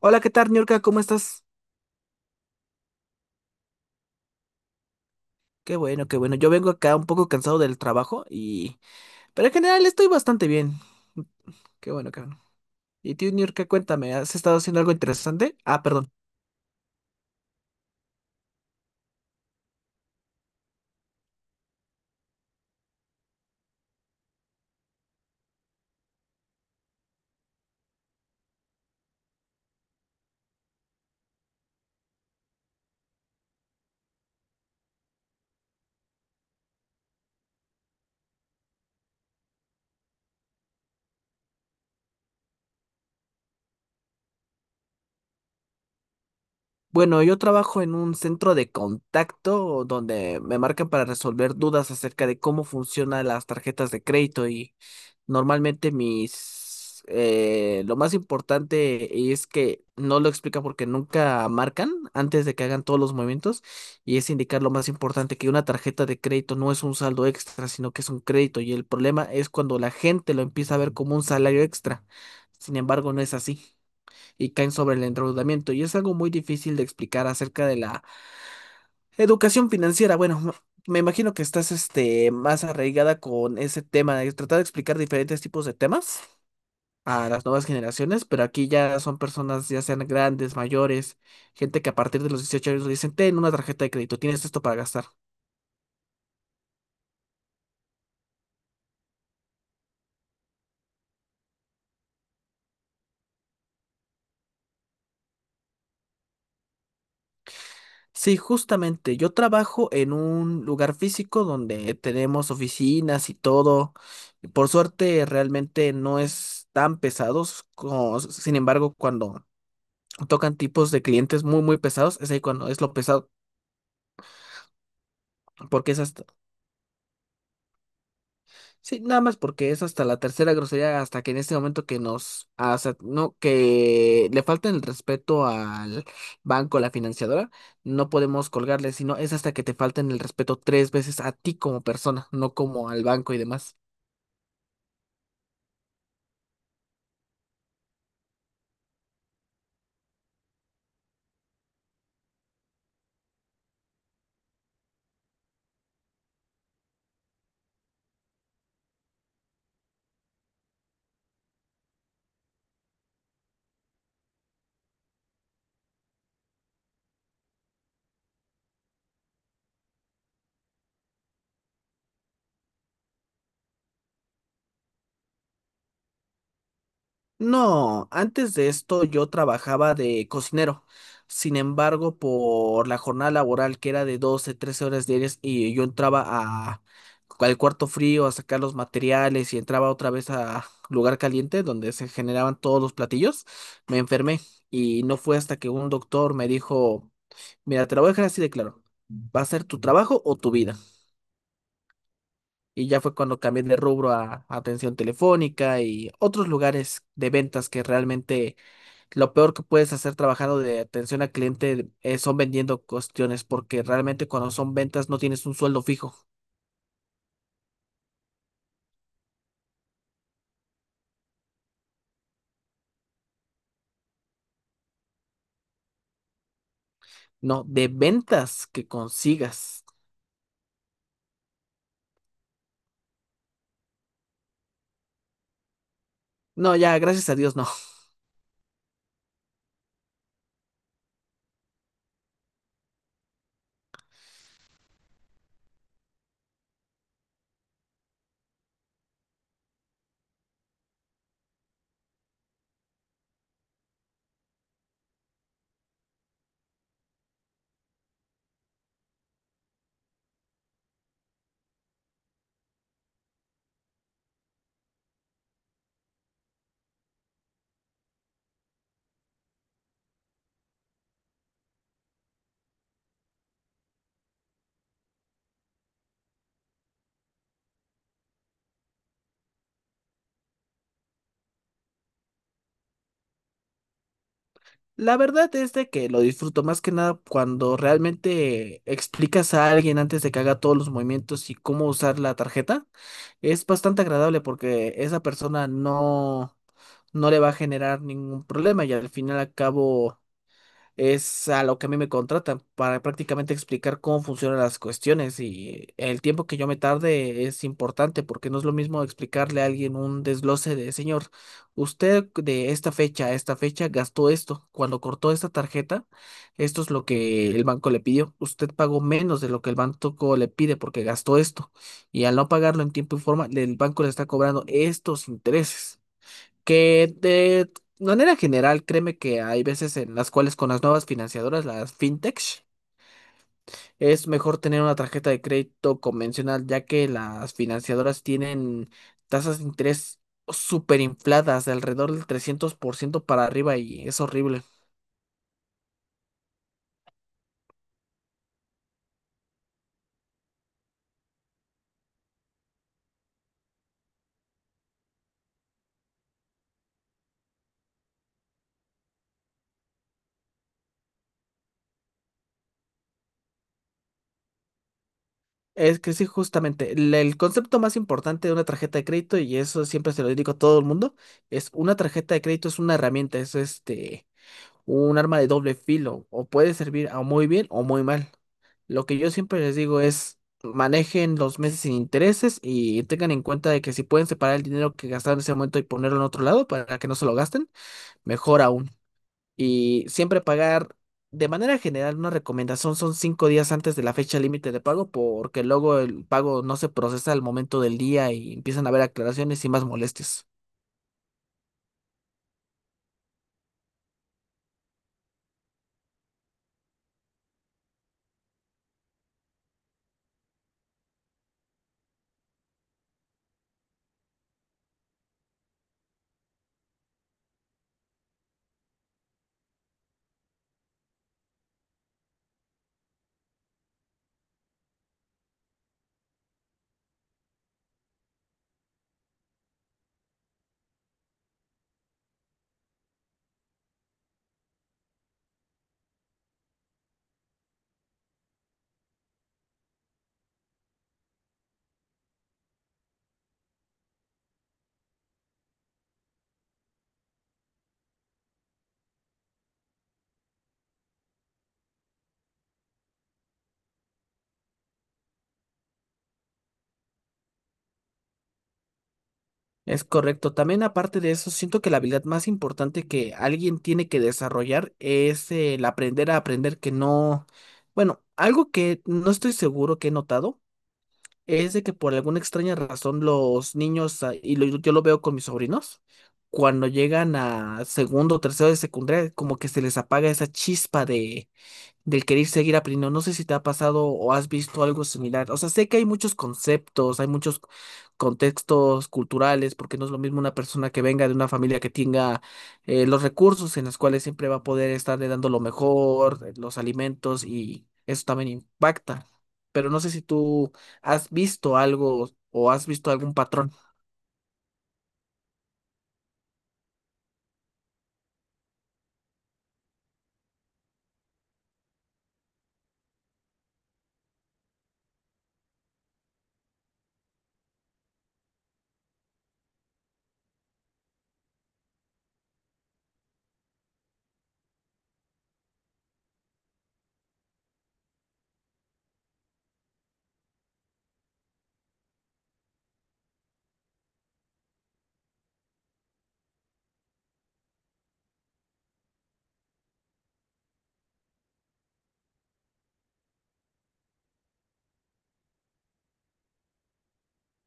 Hola, ¿qué tal, Niurka? ¿Cómo estás? Qué bueno, qué bueno. Yo vengo acá un poco cansado del trabajo y... pero en general estoy bastante bien. Qué bueno, qué bueno. Y tú, Niurka, cuéntame, ¿has estado haciendo algo interesante? Ah, perdón. Bueno, yo trabajo en un centro de contacto donde me marcan para resolver dudas acerca de cómo funcionan las tarjetas de crédito. Normalmente lo más importante es que no lo explica porque nunca marcan antes de que hagan todos los movimientos, y es indicar lo más importante que una tarjeta de crédito no es un saldo extra, sino que es un crédito, y el problema es cuando la gente lo empieza a ver como un salario extra. Sin embargo, no es así, y caen sobre el endeudamiento, y es algo muy difícil de explicar acerca de la educación financiera. Bueno, me imagino que estás más arraigada con ese tema, de tratar de explicar diferentes tipos de temas a las nuevas generaciones, pero aquí ya son personas, ya sean grandes, mayores, gente que a partir de los 18 años le dicen, ten una tarjeta de crédito, tienes esto para gastar. Sí, justamente, yo trabajo en un lugar físico donde tenemos oficinas y todo. Por suerte, realmente no es tan pesados, sin embargo, cuando tocan tipos de clientes muy, muy pesados, es ahí cuando es lo pesado, porque esas... Sí, nada más porque es hasta la tercera grosería, hasta que en este momento que nos, hasta, no, que le falta el respeto al banco, la financiadora, no podemos colgarle, sino es hasta que te falten el respeto 3 veces a ti como persona, no como al banco y demás. No, antes de esto yo trabajaba de cocinero. Sin embargo, por la jornada laboral que era de 12, 13 horas diarias, y yo entraba al cuarto frío a sacar los materiales y entraba otra vez a lugar caliente donde se generaban todos los platillos, me enfermé, y no fue hasta que un doctor me dijo, mira, te lo voy a dejar así de claro, va a ser tu trabajo o tu vida. Y ya fue cuando cambié de rubro a atención telefónica y otros lugares de ventas, que realmente lo peor que puedes hacer trabajando de atención al cliente, son vendiendo cuestiones, porque realmente cuando son ventas no tienes un sueldo fijo, no, de ventas que consigas. No, ya, gracias a Dios, no. La verdad es de que lo disfruto más que nada cuando realmente explicas a alguien antes de que haga todos los movimientos y cómo usar la tarjeta. Es bastante agradable porque esa persona no, no le va a generar ningún problema, y al final acabo es a lo que a mí me contratan para prácticamente explicar cómo funcionan las cuestiones, y el tiempo que yo me tarde es importante porque no es lo mismo explicarle a alguien un desglose de, señor, usted de esta fecha a esta fecha gastó esto, cuando cortó esta tarjeta, esto es lo que el banco le pidió, usted pagó menos de lo que el banco le pide porque gastó esto, y al no pagarlo en tiempo y forma, el banco le está cobrando estos intereses. Que de manera general, créeme que hay veces en las cuales, con las nuevas financiadoras, las fintech, es mejor tener una tarjeta de crédito convencional, ya que las financiadoras tienen tasas de interés súper infladas, de alrededor del 300% para arriba, y es horrible. Es que sí, justamente, el concepto más importante de una tarjeta de crédito, y eso siempre se lo digo a todo el mundo, es una tarjeta de crédito es una herramienta, es un arma de doble filo, o puede servir a muy bien o muy mal. Lo que yo siempre les digo es manejen los meses sin intereses y tengan en cuenta de que si pueden separar el dinero que gastaron en ese momento y ponerlo en otro lado para que no se lo gasten, mejor aún. Y siempre pagar, de manera general, una recomendación, son 5 días antes de la fecha límite de pago, porque luego el pago no se procesa al momento del día y empiezan a haber aclaraciones y más molestias. Es correcto. También aparte de eso, siento que la habilidad más importante que alguien tiene que desarrollar es el aprender a aprender que no, bueno, algo que no estoy seguro que he notado es de que por alguna extraña razón los niños, yo lo veo con mis sobrinos, cuando llegan a segundo o tercero de secundaria, como que se les apaga esa chispa del querer seguir aprendiendo. No sé si te ha pasado o has visto algo similar. O sea, sé que hay muchos conceptos, hay muchos contextos culturales, porque no es lo mismo una persona que venga de una familia que tenga, los recursos en los cuales siempre va a poder estarle dando lo mejor, los alimentos, y eso también impacta. Pero no sé si tú has visto algo o has visto algún patrón.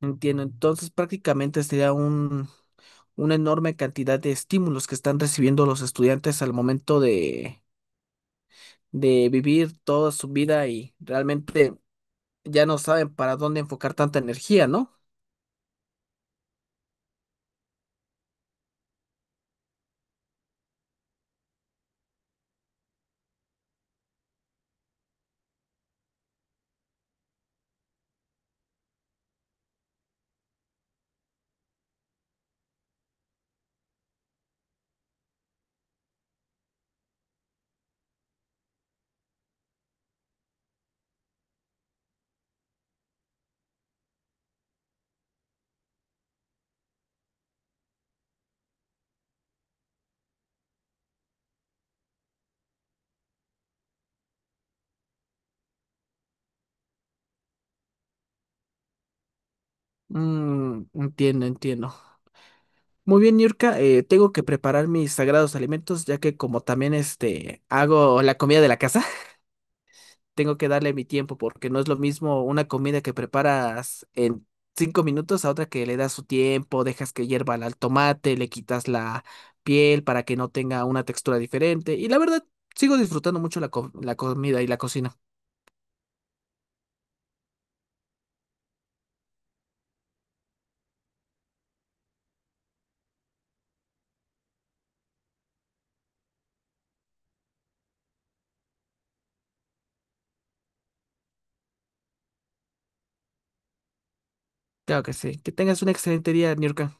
Entiendo. Entonces, prácticamente sería una enorme cantidad de estímulos que están recibiendo los estudiantes al momento de vivir toda su vida, y realmente ya no saben para dónde enfocar tanta energía, ¿no? Mm, entiendo, entiendo. Muy bien, Niurka, tengo que preparar mis sagrados alimentos, ya que como también hago la comida de la casa, tengo que darle mi tiempo, porque no es lo mismo una comida que preparas en 5 minutos a otra que le das su tiempo, dejas que hierva el tomate, le quitas la piel para que no tenga una textura diferente. Y la verdad, sigo disfrutando mucho la comida y la cocina. Claro que sí. Que tengas un excelente día, Niurka.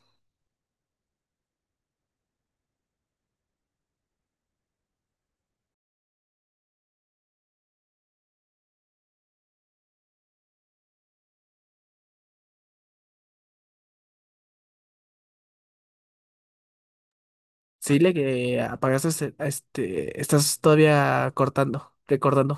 Sí, le que apagaste estás todavía cortando, recordando.